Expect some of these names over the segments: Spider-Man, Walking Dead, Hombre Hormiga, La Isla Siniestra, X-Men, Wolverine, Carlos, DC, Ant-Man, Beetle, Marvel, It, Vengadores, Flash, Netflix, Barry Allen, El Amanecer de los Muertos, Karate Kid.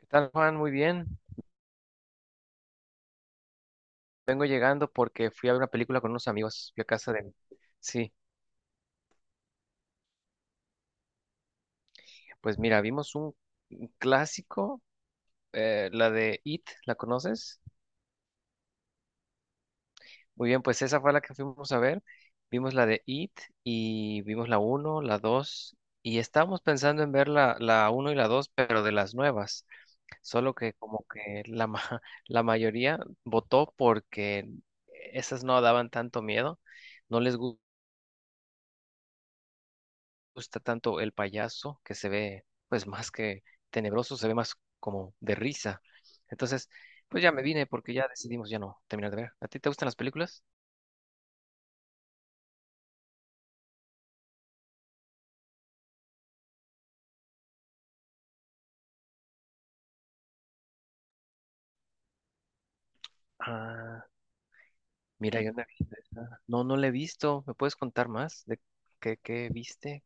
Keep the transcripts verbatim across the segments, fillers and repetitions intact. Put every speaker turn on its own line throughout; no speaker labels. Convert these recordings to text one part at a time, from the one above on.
¿Qué tal, Juan? Muy bien. Vengo llegando porque fui a ver una película con unos amigos. Fui a casa de... Sí, pues mira, vimos un un clásico, eh, la de It, ¿la conoces? Muy bien, pues esa fue la que fuimos a ver. Vimos la de It y vimos la uno, la dos y estábamos pensando en ver la, la uno y la dos, pero de las nuevas. Solo que como que la, ma- la mayoría votó porque esas no daban tanto miedo. No les gustó gusta tanto el payaso, que se ve, pues más que tenebroso, se ve más como de risa. Entonces, pues ya me vine porque ya decidimos ya no terminar de ver. ¿A ti te gustan las películas? Ah, mira, yo no he visto esa. No, no la he visto. ¿Me puedes contar más de qué, qué viste?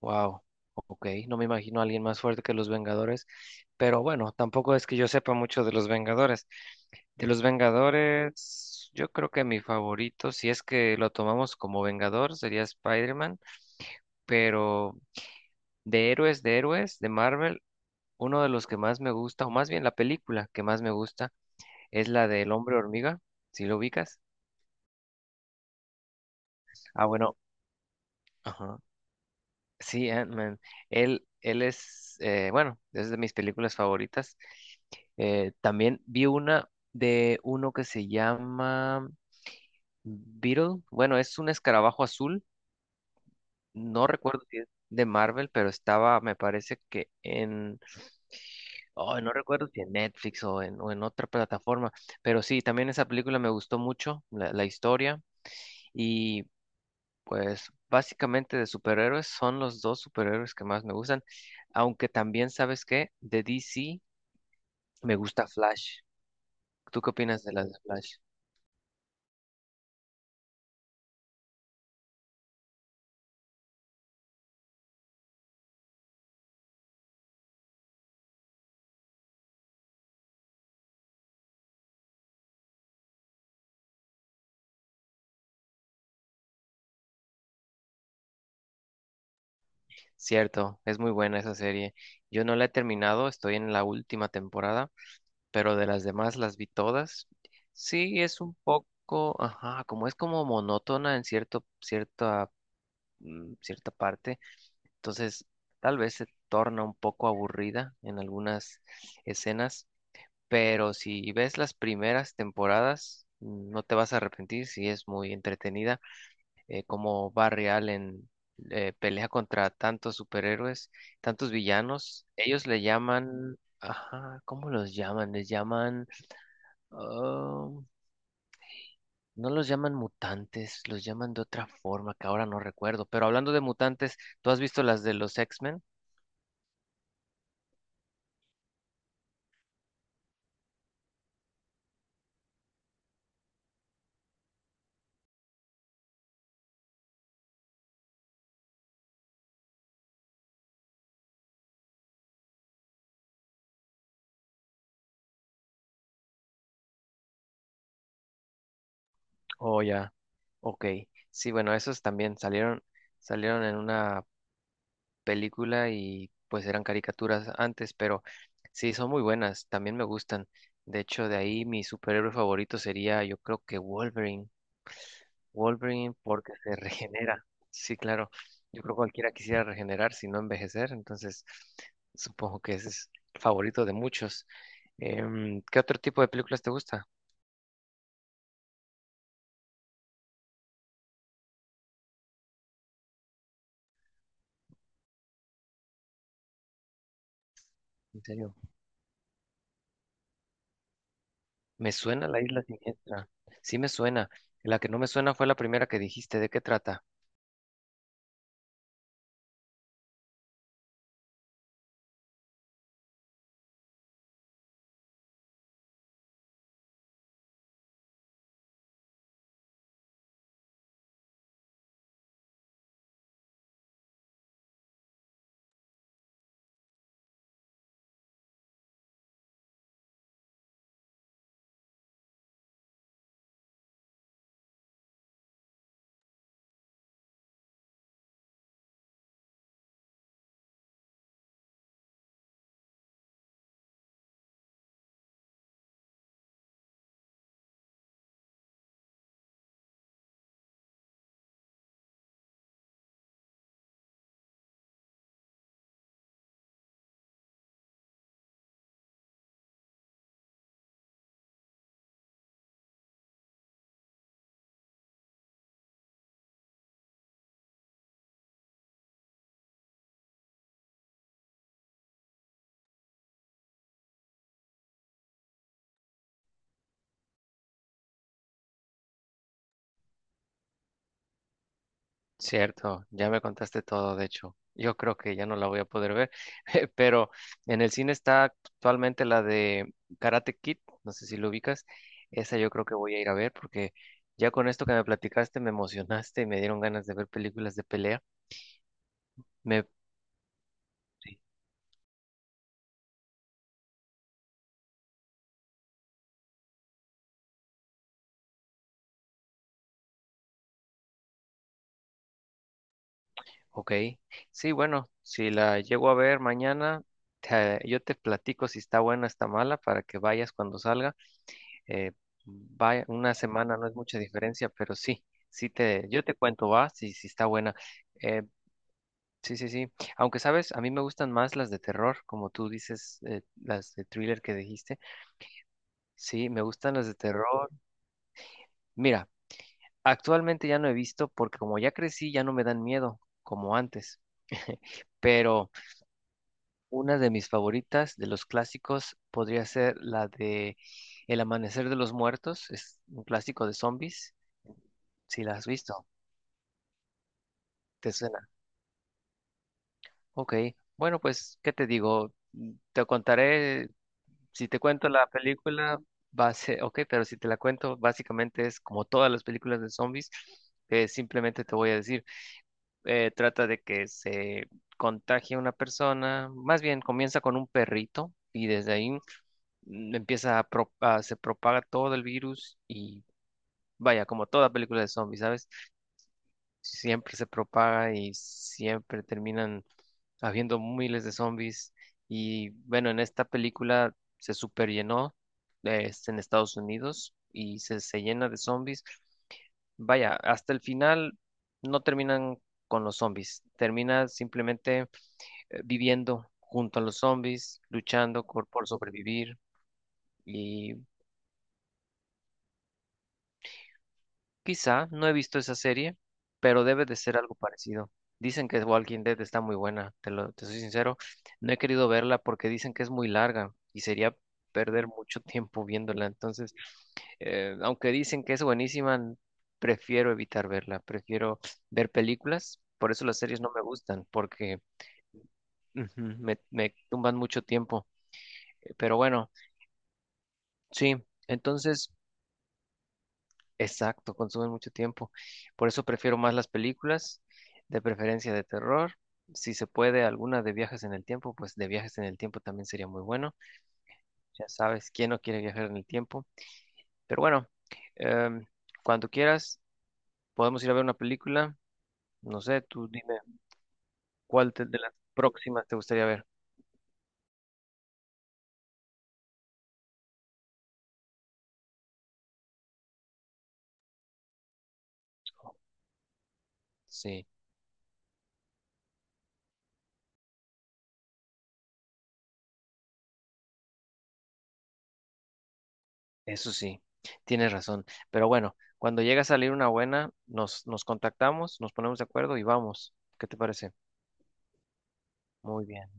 Wow, ok, no me imagino a alguien más fuerte que los Vengadores, pero bueno, tampoco es que yo sepa mucho de los Vengadores. De los Vengadores, yo creo que mi favorito, si es que lo tomamos como Vengador, sería Spider-Man, pero de héroes, de héroes, de Marvel, uno de los que más me gusta, o más bien la película que más me gusta, es la del Hombre Hormiga, si lo ubicas. Ah, bueno, ajá. Sí, Ant-Man. Él, él es, eh, bueno, es de mis películas favoritas. Eh, también vi una de uno que se llama Beetle. Bueno, es un escarabajo azul. No recuerdo si es de Marvel, pero estaba, me parece que en... Oh, no recuerdo si en Netflix o en, o en otra plataforma. Pero sí, también esa película me gustó mucho, la, la historia. Y pues básicamente de superhéroes son los dos superhéroes que más me gustan, aunque también sabes que de D C me gusta Flash. ¿Tú qué opinas de las de Flash? Cierto, es muy buena esa serie. Yo no la he terminado, estoy en la última temporada, pero de las demás las vi todas. Sí, es un poco, ajá, como es como monótona en cierto, cierta, mm, cierta parte, entonces tal vez se torna un poco aburrida en algunas escenas, pero si ves las primeras temporadas, no te vas a arrepentir si es muy entretenida, eh, como Barry Allen eh, pelea contra tantos superhéroes, tantos villanos. Ellos le llaman, ajá, ¿cómo los llaman? Les llaman, ah, no los llaman mutantes, los llaman de otra forma que ahora no recuerdo. Pero hablando de mutantes, ¿tú has visto las de los X-Men? Oh, ya, ok. Sí, bueno, esos también salieron, salieron en una película y pues eran caricaturas antes, pero sí, son muy buenas, también me gustan. De hecho, de ahí mi superhéroe favorito sería, yo creo que Wolverine. Wolverine porque se regenera. Sí, claro. Yo creo que cualquiera quisiera regenerar si no envejecer, entonces supongo que ese es el favorito de muchos. Em, ¿qué otro tipo de películas te gusta? En serio. Me suena La Isla Siniestra. Sí me suena. La que no me suena fue la primera que dijiste. ¿De qué trata? Cierto, ya me contaste todo, de hecho. Yo creo que ya no la voy a poder ver, pero en el cine está actualmente la de Karate Kid, no sé si lo ubicas. Esa yo creo que voy a ir a ver porque ya con esto que me platicaste me emocionaste y me dieron ganas de ver películas de pelea. Me, sí, ok, sí, bueno, si la llego a ver mañana, te- yo te platico si está buena, está mala, para que vayas cuando salga. Eh, Vaya, una semana no es mucha diferencia, pero sí, sí te, yo te cuento, va, si, si está buena. Eh, sí, sí, sí. Aunque sabes, a mí me gustan más las de terror, como tú dices, eh, las de thriller que dijiste. Sí, me gustan las de terror. Mira, actualmente ya no he visto porque como ya crecí, ya no me dan miedo como antes. Pero una de mis favoritas de los clásicos podría ser la de El Amanecer de los Muertos, es un clásico de zombies, si la has visto. ¿Te suena? Ok. Bueno, pues, ¿qué te digo? Mm, Te contaré, si te cuento la película, va a ser, ok, pero si te la cuento, básicamente es como todas las películas de zombies, que simplemente te voy a decir, eh, trata de que se contagie una persona, más bien comienza con un perrito y desde ahí mm, empieza a, pro- a- se propaga todo el virus y vaya, como toda película de zombies, ¿sabes? Siempre se propaga y siempre terminan habiendo miles de zombies. Y bueno, en esta película se superllenó, eh, es en Estados Unidos y se, se llena de zombies. Vaya, hasta el final no terminan con los zombies, termina simplemente eh, viviendo junto a los zombies, luchando por, por sobrevivir. Y quizá, no he visto esa serie, pero debe de ser algo parecido. Dicen que Walking Dead está muy buena, te lo, te soy sincero. No he querido verla porque dicen que es muy larga y sería perder mucho tiempo viéndola. Entonces, eh, aunque dicen que es buenísima, n- prefiero evitar verla, prefiero ver películas. Por eso las series no me gustan, porque ujú, me, me tumban mucho tiempo. Eh, Pero bueno, sí. Entonces, exacto, consumen mucho tiempo. Por eso prefiero más las películas, de preferencia de terror. Si se puede, alguna de viajes en el tiempo, pues de viajes en el tiempo también sería muy bueno. Ya sabes, ¿quién no quiere viajar en el tiempo? Pero bueno, em, cuando quieras, podemos ir a ver una película. No sé, tú dime cuál te- de las próximas te gustaría ver. Sí, eso sí, tienes razón. Pero bueno, cuando llegue a salir una buena, nos, nos contactamos, nos ponemos de acuerdo y vamos. ¿Qué te parece? Muy bien.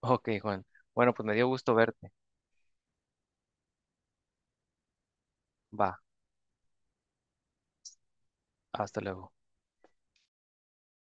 Ok, Juan. Bueno, pues me dio gusto verte. Va, hasta luego.